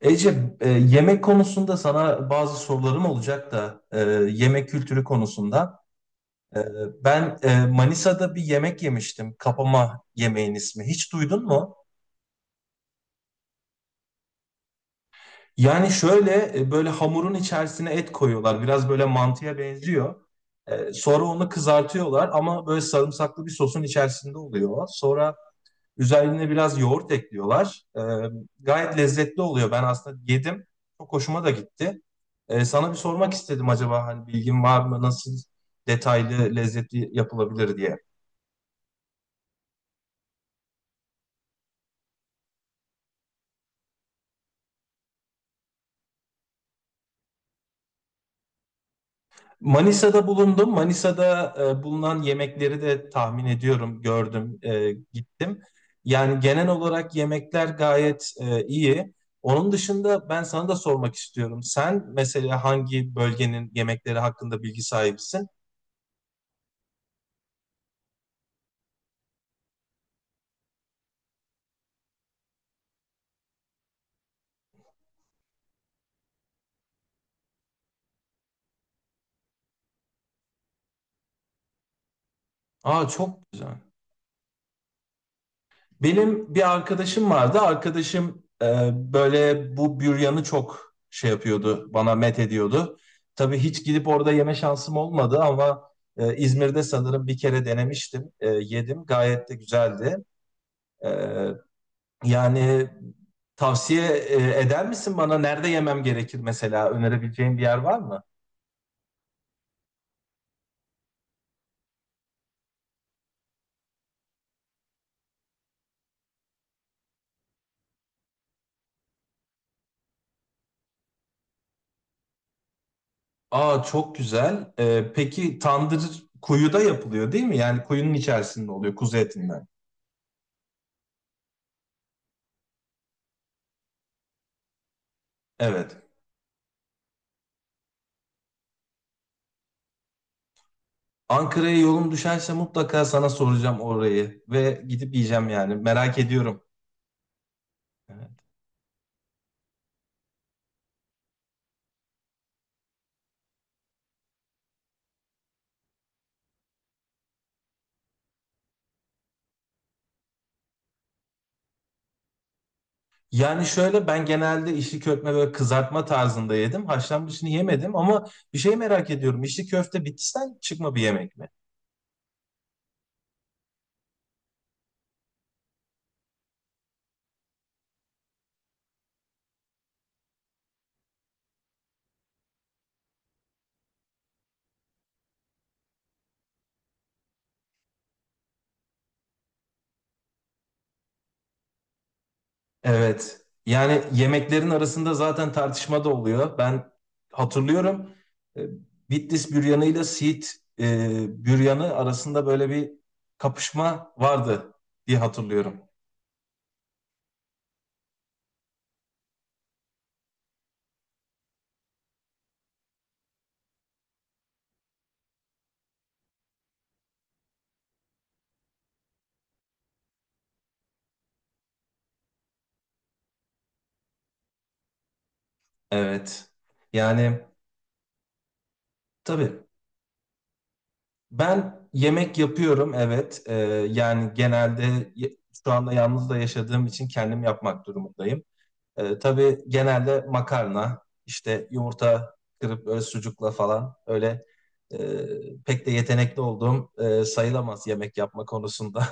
Ece, yemek konusunda sana bazı sorularım olacak da yemek kültürü konusunda. E, Ben Manisa'da bir yemek yemiştim. Kapama yemeğin ismi. Hiç duydun mu? Yani şöyle böyle hamurun içerisine et koyuyorlar. Biraz böyle mantıya benziyor. Sonra onu kızartıyorlar ama böyle sarımsaklı bir sosun içerisinde oluyor. Sonra üzerine biraz yoğurt ekliyorlar. Gayet lezzetli oluyor. Ben aslında yedim. Çok hoşuma da gitti. Sana bir sormak istedim, acaba hani bilgin var mı? Nasıl detaylı, lezzetli yapılabilir diye. Manisa'da bulundum. Manisa'da bulunan yemekleri de tahmin ediyorum, gördüm, gittim. Yani genel olarak yemekler gayet iyi. Onun dışında ben sana da sormak istiyorum. Sen mesela hangi bölgenin yemekleri hakkında bilgi sahibisin? Aa, çok güzel. Benim bir arkadaşım vardı. Arkadaşım böyle bu büryanı çok şey yapıyordu, bana met ediyordu. Tabii hiç gidip orada yeme şansım olmadı ama İzmir'de sanırım bir kere denemiştim, yedim. Gayet de güzeldi. E, Yani tavsiye eder misin bana? Nerede yemem gerekir mesela? Önerebileceğin bir yer var mı? Aa, çok güzel. Peki tandır kuyuda yapılıyor değil mi? Yani kuyunun içerisinde oluyor, kuzu etinden. Evet. Ankara'ya yolum düşerse mutlaka sana soracağım orayı ve gidip yiyeceğim yani. Merak ediyorum. Evet. Yani şöyle, ben genelde içli köfte böyle kızartma tarzında yedim. Haşlanmışını yemedim ama bir şey merak ediyorum. İçli köfte Bitlis'ten çıkma bir yemek mi? Evet. Yani yemeklerin arasında zaten tartışma da oluyor. Ben hatırlıyorum e, Bitlis büryanı ile Siirt büryanı arasında böyle bir kapışma vardı diye hatırlıyorum. Evet. Yani tabii. Ben yemek yapıyorum, evet. Yani şu anda yalnız da yaşadığım için kendim yapmak durumundayım. Tabii genelde makarna, işte yumurta kırıp böyle sucukla falan öyle, e, pek de yetenekli olduğum sayılamaz yemek yapma konusunda.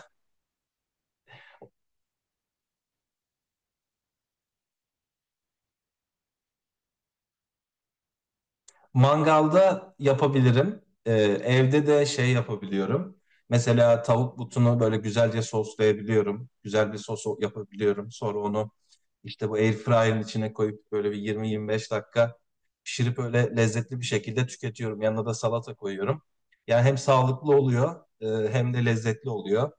Mangalda yapabilirim. Evde de şey yapabiliyorum. Mesela tavuk butunu böyle güzelce soslayabiliyorum. Güzel bir sos yapabiliyorum. Sonra onu işte bu airfryer'ın içine koyup böyle bir 20-25 dakika pişirip öyle lezzetli bir şekilde tüketiyorum. Yanına da salata koyuyorum. Yani hem sağlıklı oluyor, hem de lezzetli oluyor.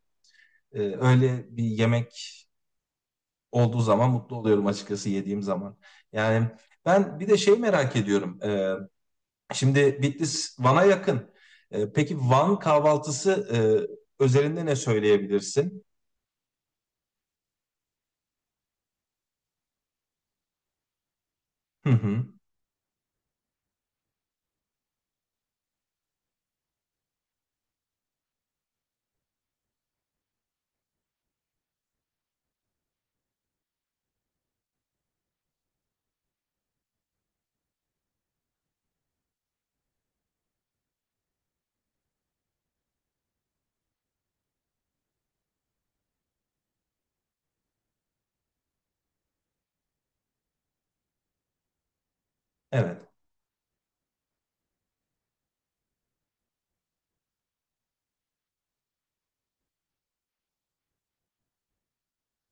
Öyle bir yemek olduğu zaman mutlu oluyorum açıkçası, yediğim zaman. Yani ben bir de şey merak ediyorum. Şimdi Bitlis Van'a yakın. Peki Van kahvaltısı özelinde ne söyleyebilirsin? Hı hı. Evet.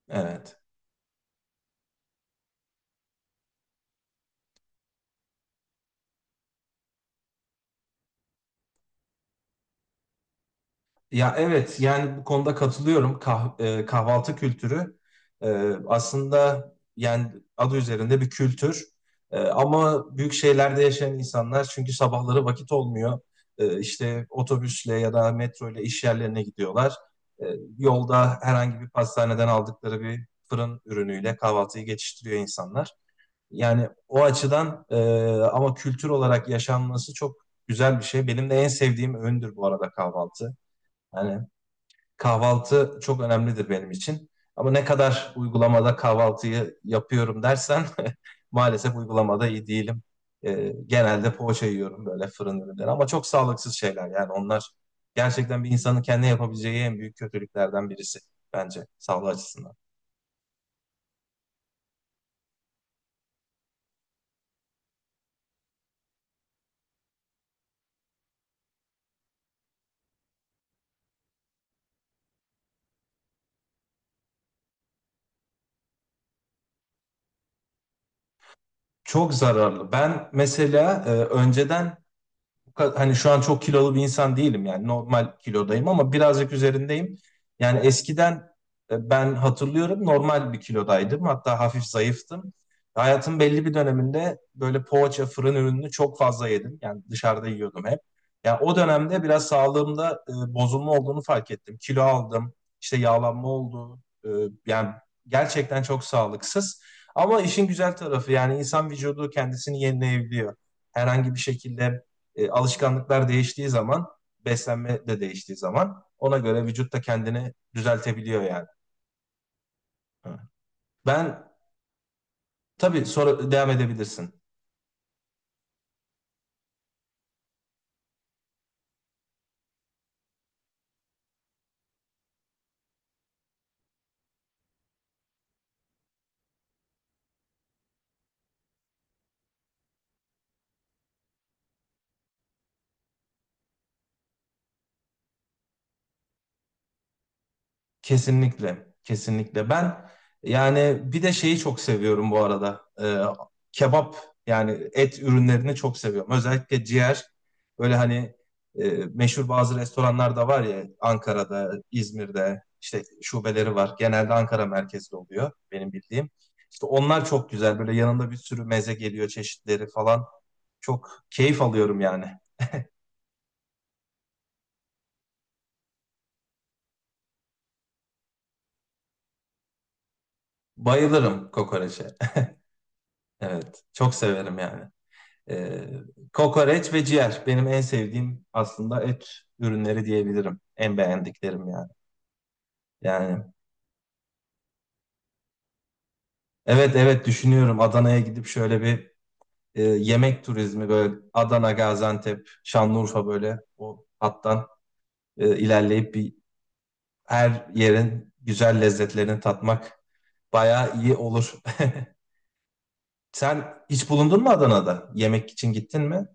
Evet. Ya evet, yani bu konuda katılıyorum. Kahvaltı kültürü, e, aslında yani adı üzerinde bir kültür. Ama büyük şehirlerde yaşayan insanlar, çünkü sabahları vakit olmuyor. İşte otobüsle ya da metro ile iş yerlerine gidiyorlar. E, Yolda herhangi bir pastaneden aldıkları bir fırın ürünüyle kahvaltıyı geçiştiriyor insanlar. Yani o açıdan ama kültür olarak yaşanması çok güzel bir şey. Benim de en sevdiğim öğündür bu arada kahvaltı. Yani kahvaltı çok önemlidir benim için. Ama ne kadar uygulamada kahvaltıyı yapıyorum dersen, maalesef uygulamada iyi değilim. Genelde poğaça yiyorum, böyle fırın ürünleri, ama çok sağlıksız şeyler yani onlar. Gerçekten bir insanın kendine yapabileceği en büyük kötülüklerden birisi bence sağlığı açısından. Çok zararlı. Ben mesela önceden, hani şu an çok kilolu bir insan değilim yani, normal kilodayım ama birazcık üzerindeyim. Yani eskiden, ben hatırlıyorum, normal bir kilodaydım, hatta hafif zayıftım. Hayatın belli bir döneminde böyle poğaça fırın ürününü çok fazla yedim. Yani dışarıda yiyordum hep. Yani o dönemde biraz sağlığımda bozulma olduğunu fark ettim. Kilo aldım, işte yağlanma oldu. E, Yani gerçekten çok sağlıksız. Ama işin güzel tarafı, yani insan vücudu kendisini yenileyebiliyor herhangi bir şekilde. Alışkanlıklar değiştiği zaman, beslenme de değiştiği zaman, ona göre vücut da kendini düzeltebiliyor yani. Evet. Ben, tabii sonra devam edebilirsin. Kesinlikle, kesinlikle. Ben yani bir de şeyi çok seviyorum bu arada. Kebap yani, et ürünlerini çok seviyorum. Özellikle ciğer. Böyle hani meşhur bazı restoranlar da var ya, Ankara'da, İzmir'de işte şubeleri var. Genelde Ankara merkezli oluyor benim bildiğim. İşte onlar çok güzel. Böyle yanında bir sürü meze geliyor, çeşitleri falan. Çok keyif alıyorum yani. Bayılırım kokoreçe. Evet, çok severim yani. Ee, Kokoreç ve ciğer benim en sevdiğim aslında, et ürünleri diyebilirim. En beğendiklerim yani. Yani evet, evet, düşünüyorum Adana'ya gidip şöyle bir yemek turizmi, böyle Adana, Gaziantep, Şanlıurfa, böyle o hattan ilerleyip bir her yerin güzel lezzetlerini tatmak bayağı iyi olur. Sen hiç bulundun mu Adana'da? Yemek için gittin mi?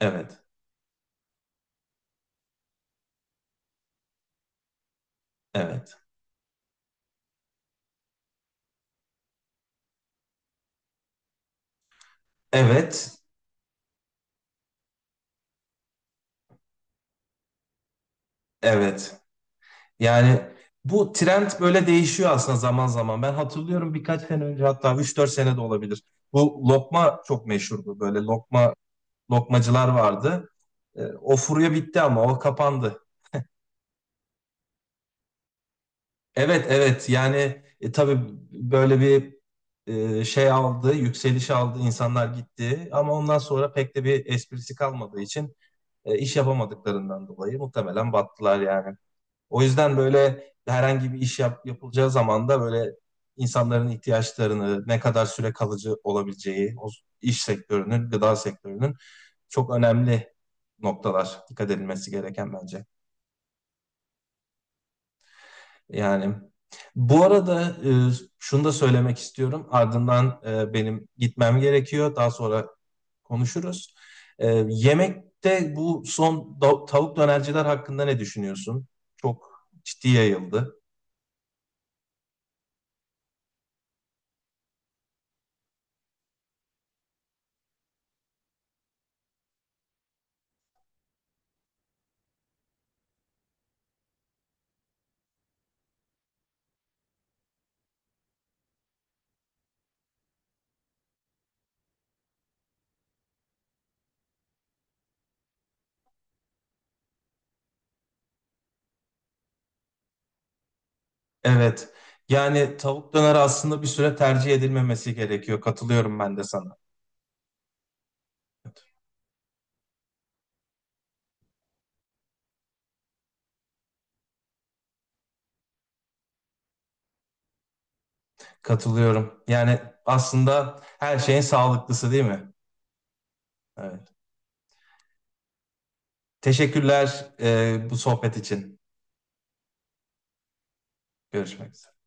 Evet, evet. Evet, evet. Yani bu trend böyle değişiyor aslında zaman zaman. Ben hatırlıyorum birkaç sene önce, hatta üç dört sene de olabilir. Bu lokma çok meşhurdu. Böyle lokmacılar vardı. O furya bitti, ama o kapandı. Evet, evet, yani tabii böyle bir şey aldı, yükseliş aldı, insanlar gitti. Ama ondan sonra pek de bir esprisi kalmadığı için iş yapamadıklarından dolayı muhtemelen battılar yani. O yüzden böyle herhangi bir yapılacağı zaman da böyle insanların ihtiyaçlarını, ne kadar süre kalıcı olabileceği, o iş sektörünün, gıda sektörünün çok önemli noktalar dikkat edilmesi gereken bence. Yani bu arada şunu da söylemek istiyorum. Ardından benim gitmem gerekiyor. Daha sonra konuşuruz. Yemekte tavuk dönerciler hakkında ne düşünüyorsun? Çok ciddi yayıldı. Evet. Yani tavuk döneri aslında bir süre tercih edilmemesi gerekiyor. Katılıyorum ben de sana. Katılıyorum. Yani aslında her şeyin sağlıklısı değil mi? Evet. Teşekkürler bu sohbet için. Görüşmek üzere.